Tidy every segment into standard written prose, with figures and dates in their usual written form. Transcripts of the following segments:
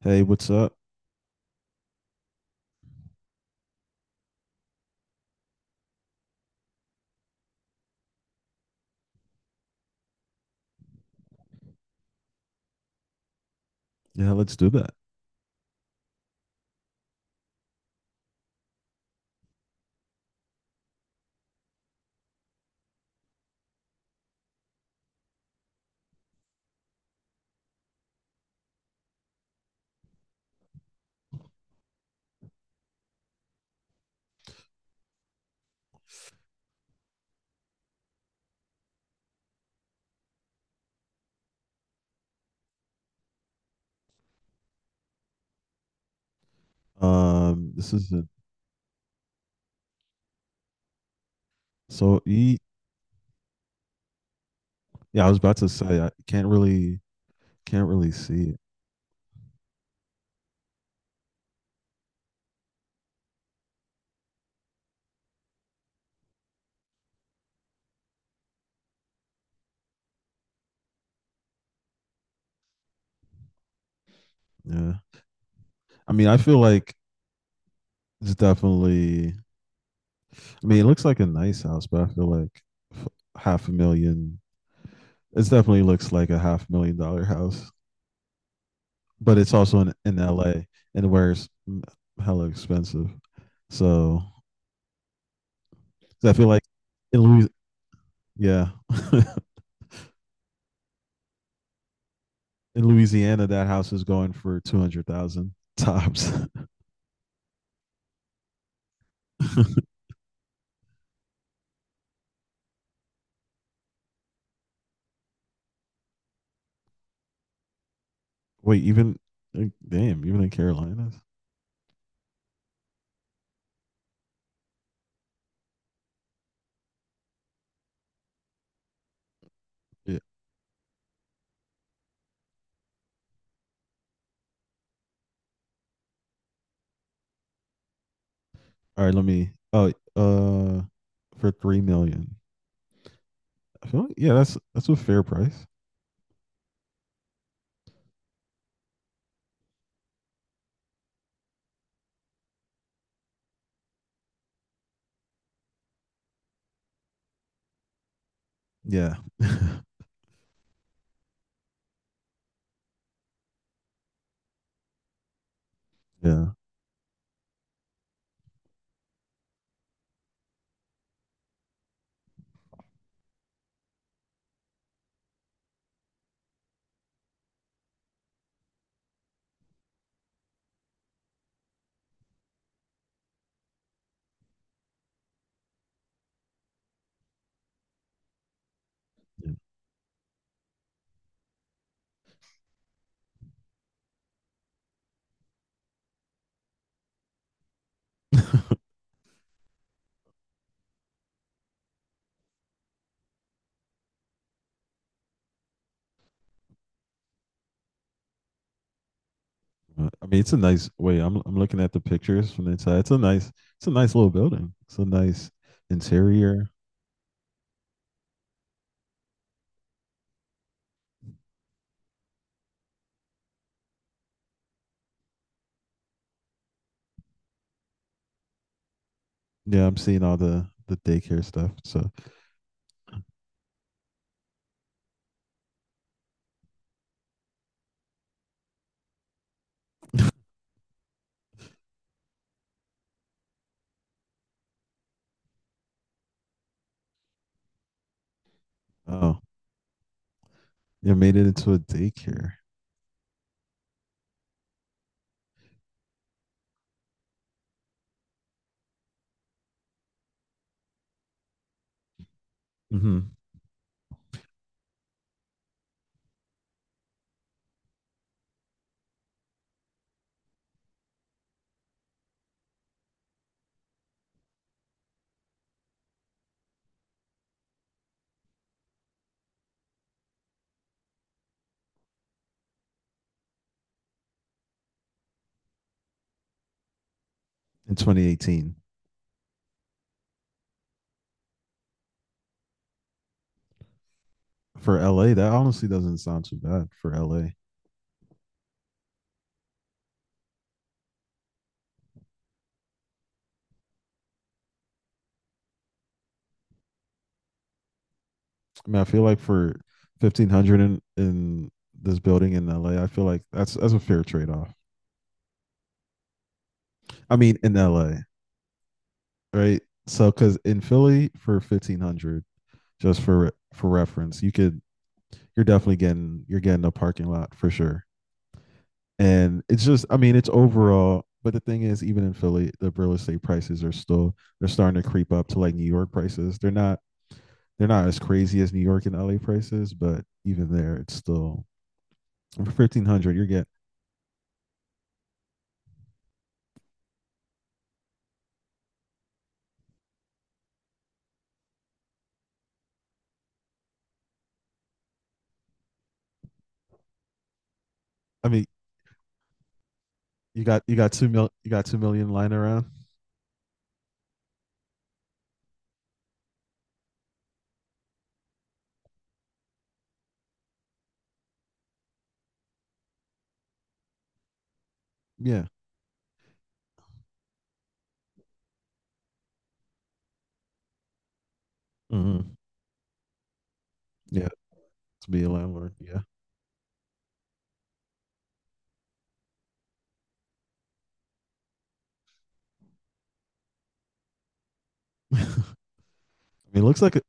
Hey, what's up? Yeah, let's do that. This is a, so e Yeah, I was about to say I can't really see it. Yeah. I mean, I feel like it's definitely. It looks like a nice house, but I feel like f- half a million, it definitely looks like a half 1 million dollar house, but it's also in LA and where hella expensive. So, 'cause I feel like in Louis yeah. In Louisiana, that house is going for 200,000 tops. Wait, even like, damn, even in Carolinas. Yeah. All right, let me. Oh, uh, for 3 million. I feel like, yeah, that's a fair price. Yeah, yeah. Yeah. I mean, it's a nice. Wait, I'm looking at the pictures from the inside. It's a nice little building. It's a nice interior. Yeah, I'm seeing all the daycare stuff. So, oh, yeah, made it into a daycare. hmm In 2018, for LA, that honestly doesn't sound too bad for LA. I mean, I feel like for 1,500 in this building in LA, I feel like that's a fair trade off. I mean, in LA, right? So, because in Philly for 1,500, just for reference, you could you're definitely getting. You're getting a parking lot for sure. And it's just, I mean, it's overall. But the thing is, even in Philly, the real estate prices are still, they're starting to creep up to like New York prices. They're not as crazy as New York and LA prices, but even there, it's still, for 1,500, you're getting. I mean, you got 2 million lying around. Yeah. hmm Yeah. To be a landlord. Yeah. I mean, it looks like a,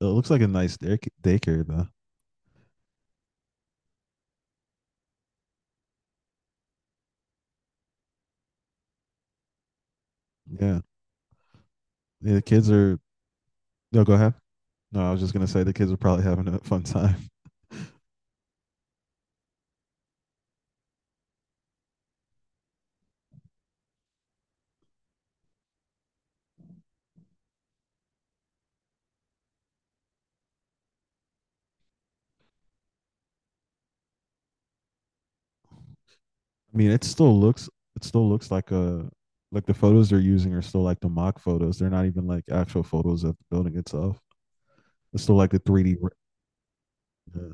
it looks like a nice daycare though. Yeah. Yeah. The kids are. No, go ahead. No, I was just gonna say the kids are probably having a fun time. I mean, it still looks. It still looks like a like the photos they're using are still like the mock photos. They're not even like actual photos of the building itself. It's still like the 3D re- Yeah.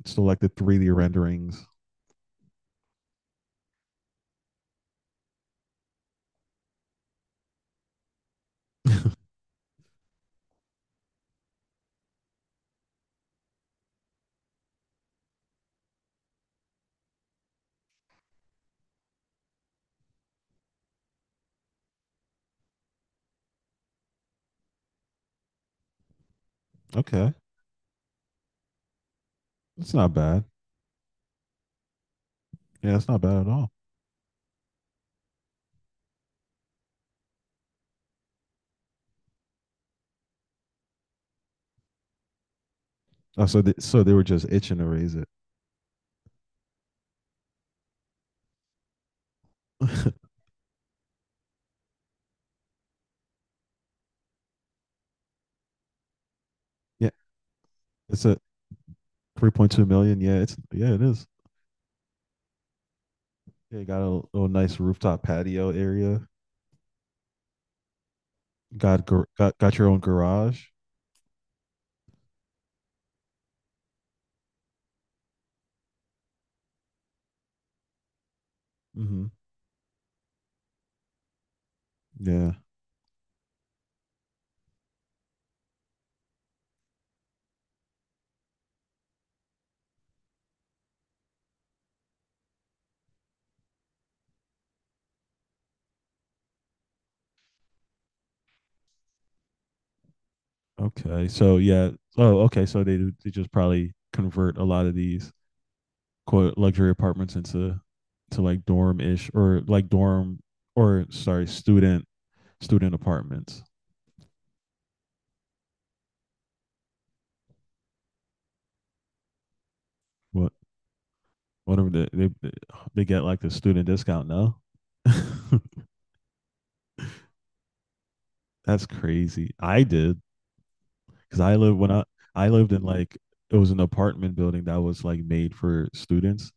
It's still like the 3D renderings. Okay. It's not bad. Yeah, it's not bad at all. Oh, so they were just itching to raise it. Yeah, it's a 3.2 million. Yeah, it's yeah, it is. Yeah, you got a little nice rooftop patio area. Got got your own garage. Mm-hmm. Yeah. Okay. So yeah. Oh, okay. So they just probably convert a lot of these quote luxury apartments into to like dorm or sorry student student apartments. What whatever they get like the student discount. No, that's crazy. I did because I lived when I lived in like it was an apartment building that was like made for students,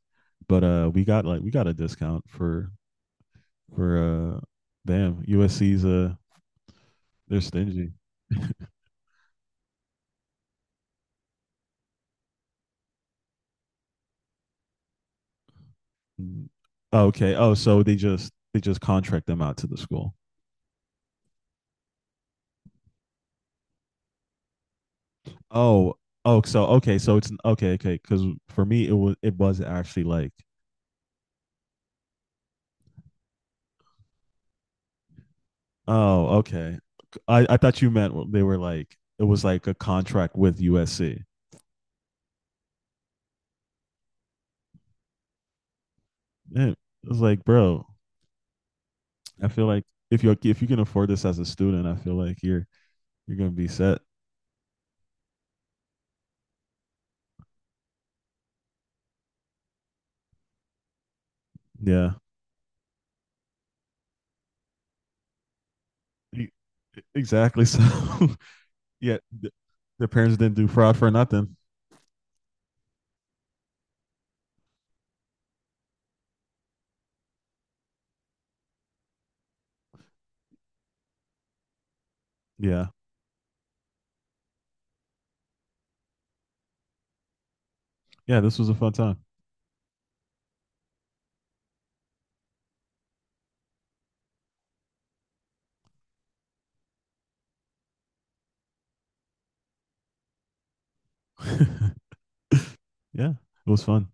but we got like we got a discount for for uh damn USC's. They're stingy. Okay. Oh, so they just contract them out to the school. Oh, oh, so okay. Because for me, it was actually like, oh, okay. I thought you meant they were like it was like a contract with USC. Yeah, it was like, bro, I feel like if you can afford this as a student, I feel like you're gonna be set. Yeah, E- exactly. So yeah, the parents didn't do fraud for nothing. Yeah, yeah, this was a fun time. Yeah, it was fun.